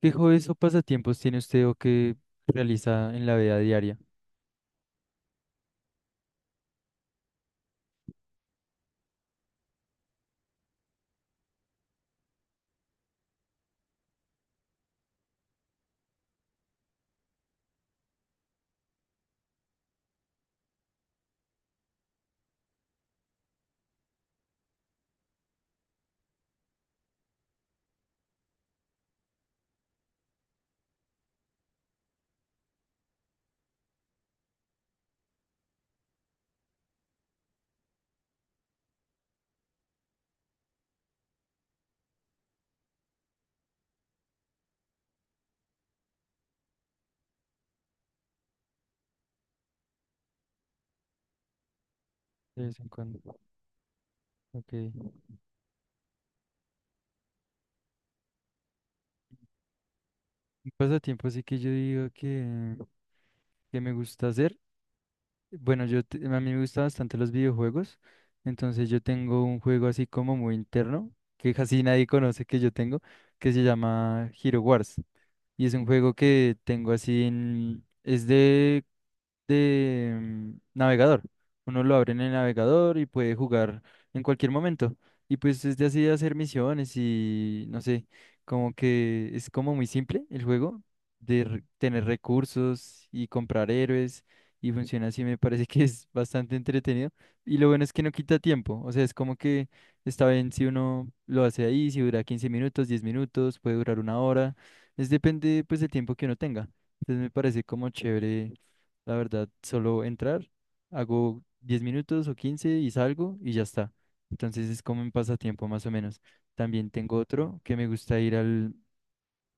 ¿Qué hobbies o pasatiempos tiene usted o que realiza en la vida diaria? De vez en cuando. Ok. Un pasatiempo así que yo digo que me gusta hacer. Bueno, a mí me gustan bastante los videojuegos, entonces yo tengo un juego así como muy interno que casi nadie conoce que yo tengo, que se llama Hero Wars, y es un juego que tengo así en es de navegador. Uno lo abre en el navegador y puede jugar en cualquier momento. Y pues es de así hacer misiones y no sé, como que es como muy simple el juego de tener recursos y comprar héroes y funciona así, me parece que es bastante entretenido. Y lo bueno es que no quita tiempo, o sea, es como que está bien si uno lo hace ahí, si dura 15 minutos, 10 minutos, puede durar una hora, es depende pues del tiempo que uno tenga. Entonces me parece como chévere la verdad, solo entrar, hago 10 minutos o 15 y salgo y ya está. Entonces es como un pasatiempo más o menos. También tengo otro que me gusta ir al,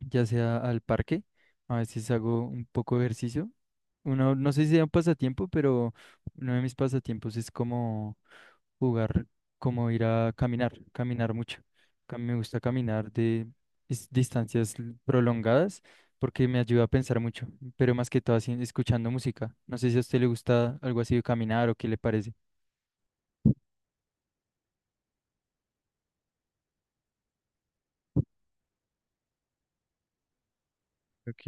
ya sea al parque, a veces hago un poco de ejercicio. Uno, no sé si sea un pasatiempo, pero uno de mis pasatiempos es como jugar, como ir a caminar, caminar mucho. Me gusta caminar de distancias prolongadas porque me ayuda a pensar mucho, pero más que todo así, escuchando música. No sé si a usted le gusta algo así de caminar o qué le parece. Ok,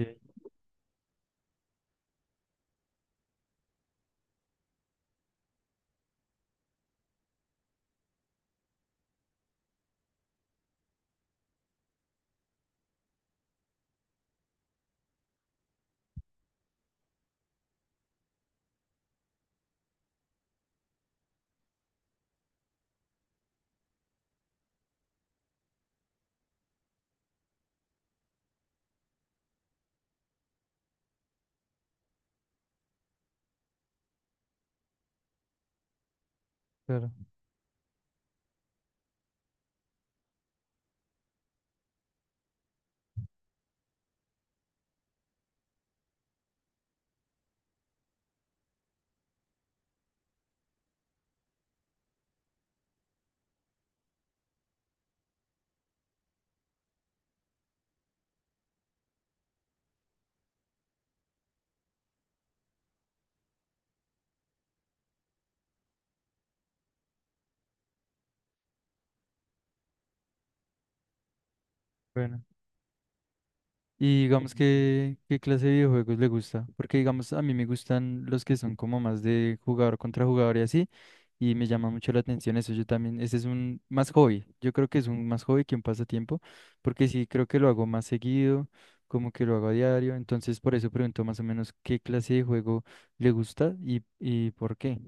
claro, bueno. Y digamos que, ¿qué clase de videojuegos le gusta? Porque digamos, a mí me gustan los que son como más de jugador contra jugador y así, y me llama mucho la atención eso. Yo también, ese es un más hobby. Yo creo que es un más hobby que un pasatiempo, porque sí creo que lo hago más seguido, como que lo hago a diario. Entonces, por eso pregunto más o menos qué clase de juego le gusta y por qué.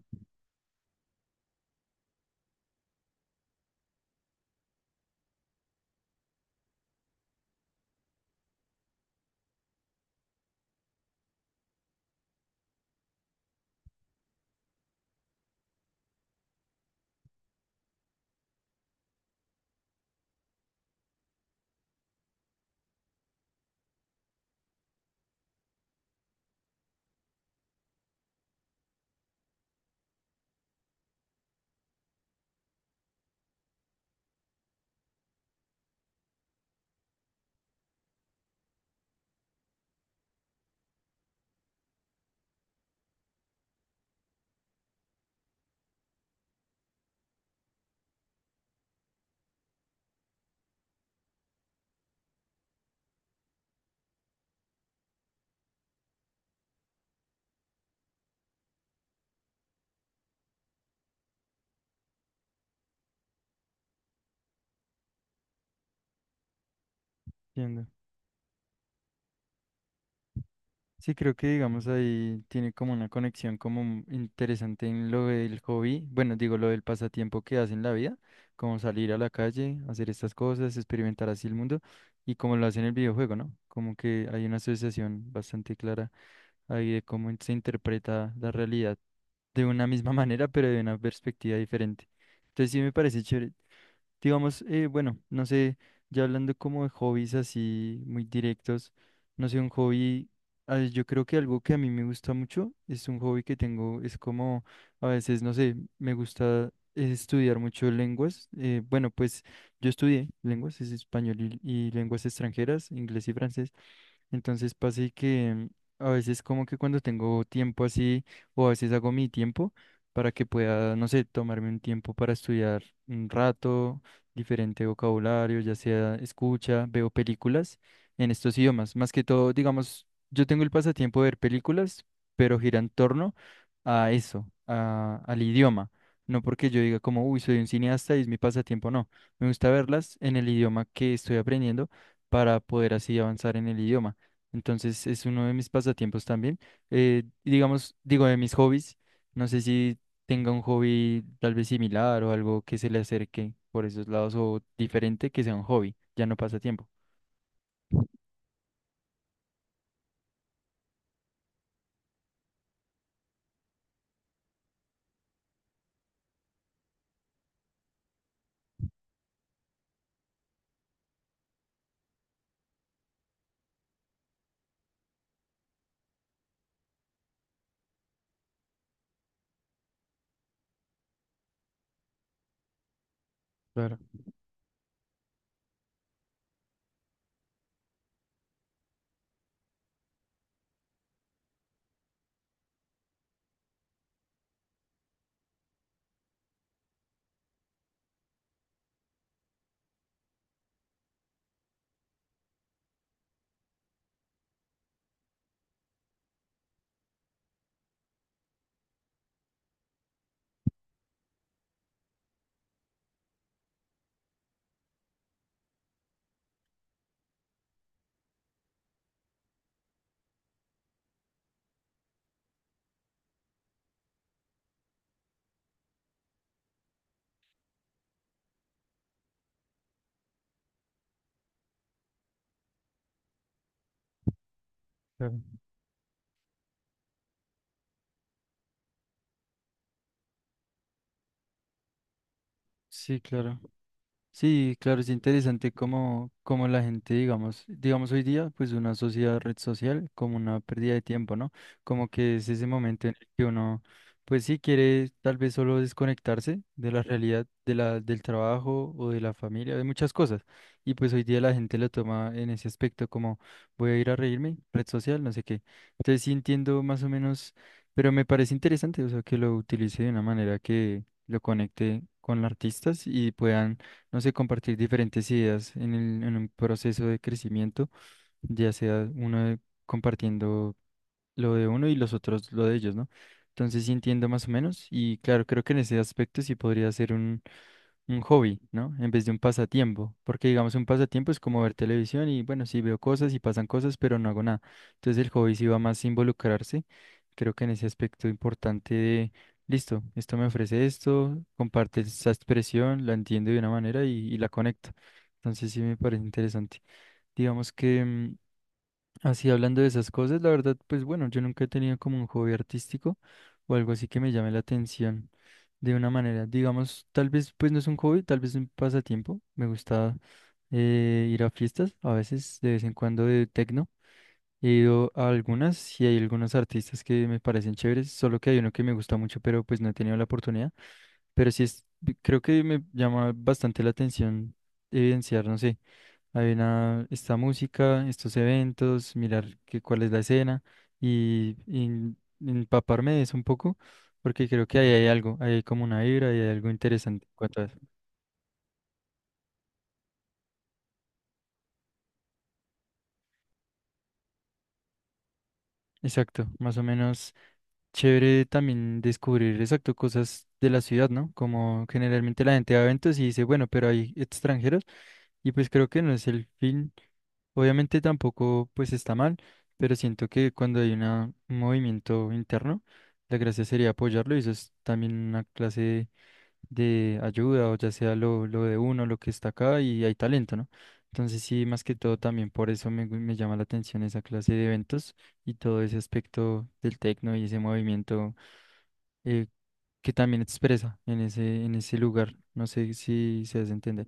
Entiendo. Sí, creo que digamos ahí tiene como una conexión como interesante en lo del hobby, bueno, digo lo del pasatiempo que hace en la vida, como salir a la calle, hacer estas cosas, experimentar así el mundo y como lo hace en el videojuego, ¿no? Como que hay una asociación bastante clara ahí de cómo se interpreta la realidad de una misma manera, pero de una perspectiva diferente. Entonces sí me parece chévere. Digamos, bueno, no sé, ya hablando como de hobbies así muy directos, no sé, un hobby, ah, yo creo que algo que a mí me gusta mucho es un hobby que tengo, es como a veces, no sé, me gusta estudiar mucho lenguas. Bueno, pues yo estudié lenguas, es español y lenguas extranjeras, inglés y francés. Entonces pasa y que a veces como que cuando tengo tiempo así, o a veces hago mi tiempo para que pueda, no sé, tomarme un tiempo para estudiar un rato, diferente vocabulario, ya sea escucha, veo películas en estos idiomas. Más que todo, digamos, yo tengo el pasatiempo de ver películas, pero gira en torno a eso, al idioma. No porque yo diga como, uy, soy un cineasta y es mi pasatiempo, no. Me gusta verlas en el idioma que estoy aprendiendo para poder así avanzar en el idioma. Entonces es uno de mis pasatiempos también. Digamos, digo, de mis hobbies. No sé si tenga un hobby tal vez similar o algo que se le acerque por esos lados o diferente que sea un hobby, ya no pasatiempo. Claro, claro. Sí, claro. Sí, claro, es interesante cómo la gente, digamos hoy día, pues una sociedad red social como una pérdida de tiempo, ¿no? Como que es ese momento en el que uno, pues sí quiere tal vez solo desconectarse de la realidad, del trabajo o de la familia, de muchas cosas. Y pues hoy día la gente lo toma en ese aspecto como voy a ir a reírme, red social, no sé qué. Entonces sí entiendo más o menos, pero me parece interesante, o sea, que lo utilice de una manera que lo conecte con los artistas y puedan no sé, compartir diferentes ideas en un proceso de crecimiento, ya sea compartiendo lo de uno y los otros lo de ellos, ¿no? Entonces sí entiendo más o menos y claro, creo que en ese aspecto sí podría ser un hobby, ¿no? En vez de un pasatiempo, porque digamos un pasatiempo es como ver televisión y bueno, sí veo cosas y pasan cosas, pero no hago nada. Entonces el hobby sí va más a involucrarse. Creo que en ese aspecto importante de, listo, esto me ofrece esto, comparte esa expresión, la entiendo de una manera y la conecto. Entonces sí me parece interesante. Digamos que así hablando de esas cosas, la verdad, pues bueno, yo nunca he tenido como un hobby artístico o algo así que me llame la atención de una manera. Digamos, tal vez pues no es un hobby, tal vez un pasatiempo. Me gusta ir a fiestas, a veces de vez en cuando de techno. He ido a algunas y hay algunos artistas que me parecen chéveres, solo que hay uno que me gusta mucho, pero pues no he tenido la oportunidad. Pero sí es, creo que me llama bastante la atención evidenciar, no sé. Hay una, esta música, estos eventos, mirar qué cuál es la escena y empaparme de eso un poco, porque creo que ahí hay algo, ahí hay como una vibra y hay algo interesante. Exacto, más o menos chévere también descubrir exacto cosas de la ciudad, ¿no? Como generalmente la gente va a eventos y dice, bueno, pero hay extranjeros y pues creo que no es el fin. Obviamente tampoco pues está mal, pero siento que cuando hay un movimiento interno, la gracia sería apoyarlo y eso es también una clase de ayuda o ya sea lo de uno, lo que está acá y hay talento, ¿no? Entonces sí, más que todo también por eso me llama la atención esa clase de eventos y todo ese aspecto del tecno y ese movimiento eh, que también expresa en ese lugar. No sé si se hace entender.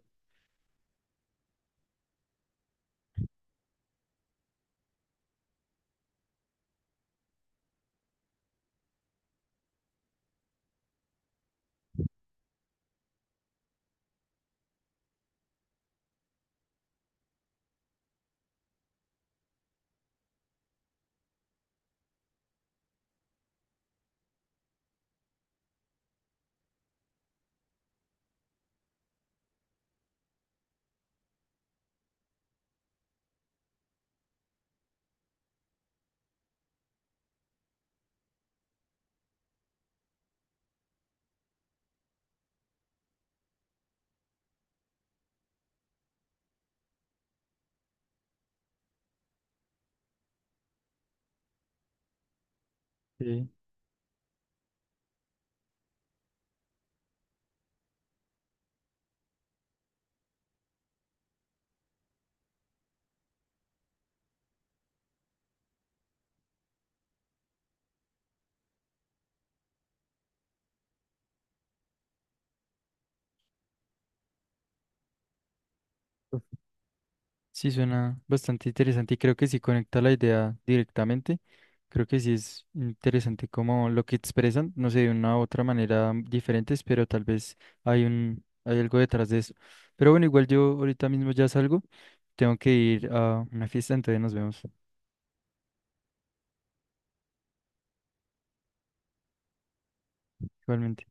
Sí. Sí, suena bastante interesante y creo que sí conecta la idea directamente. Creo que sí es interesante como lo que expresan, no sé, de una u otra manera diferentes, pero tal vez hay un, hay algo detrás de eso. Pero bueno, igual yo ahorita mismo ya salgo, tengo que ir a una fiesta, entonces nos vemos igualmente.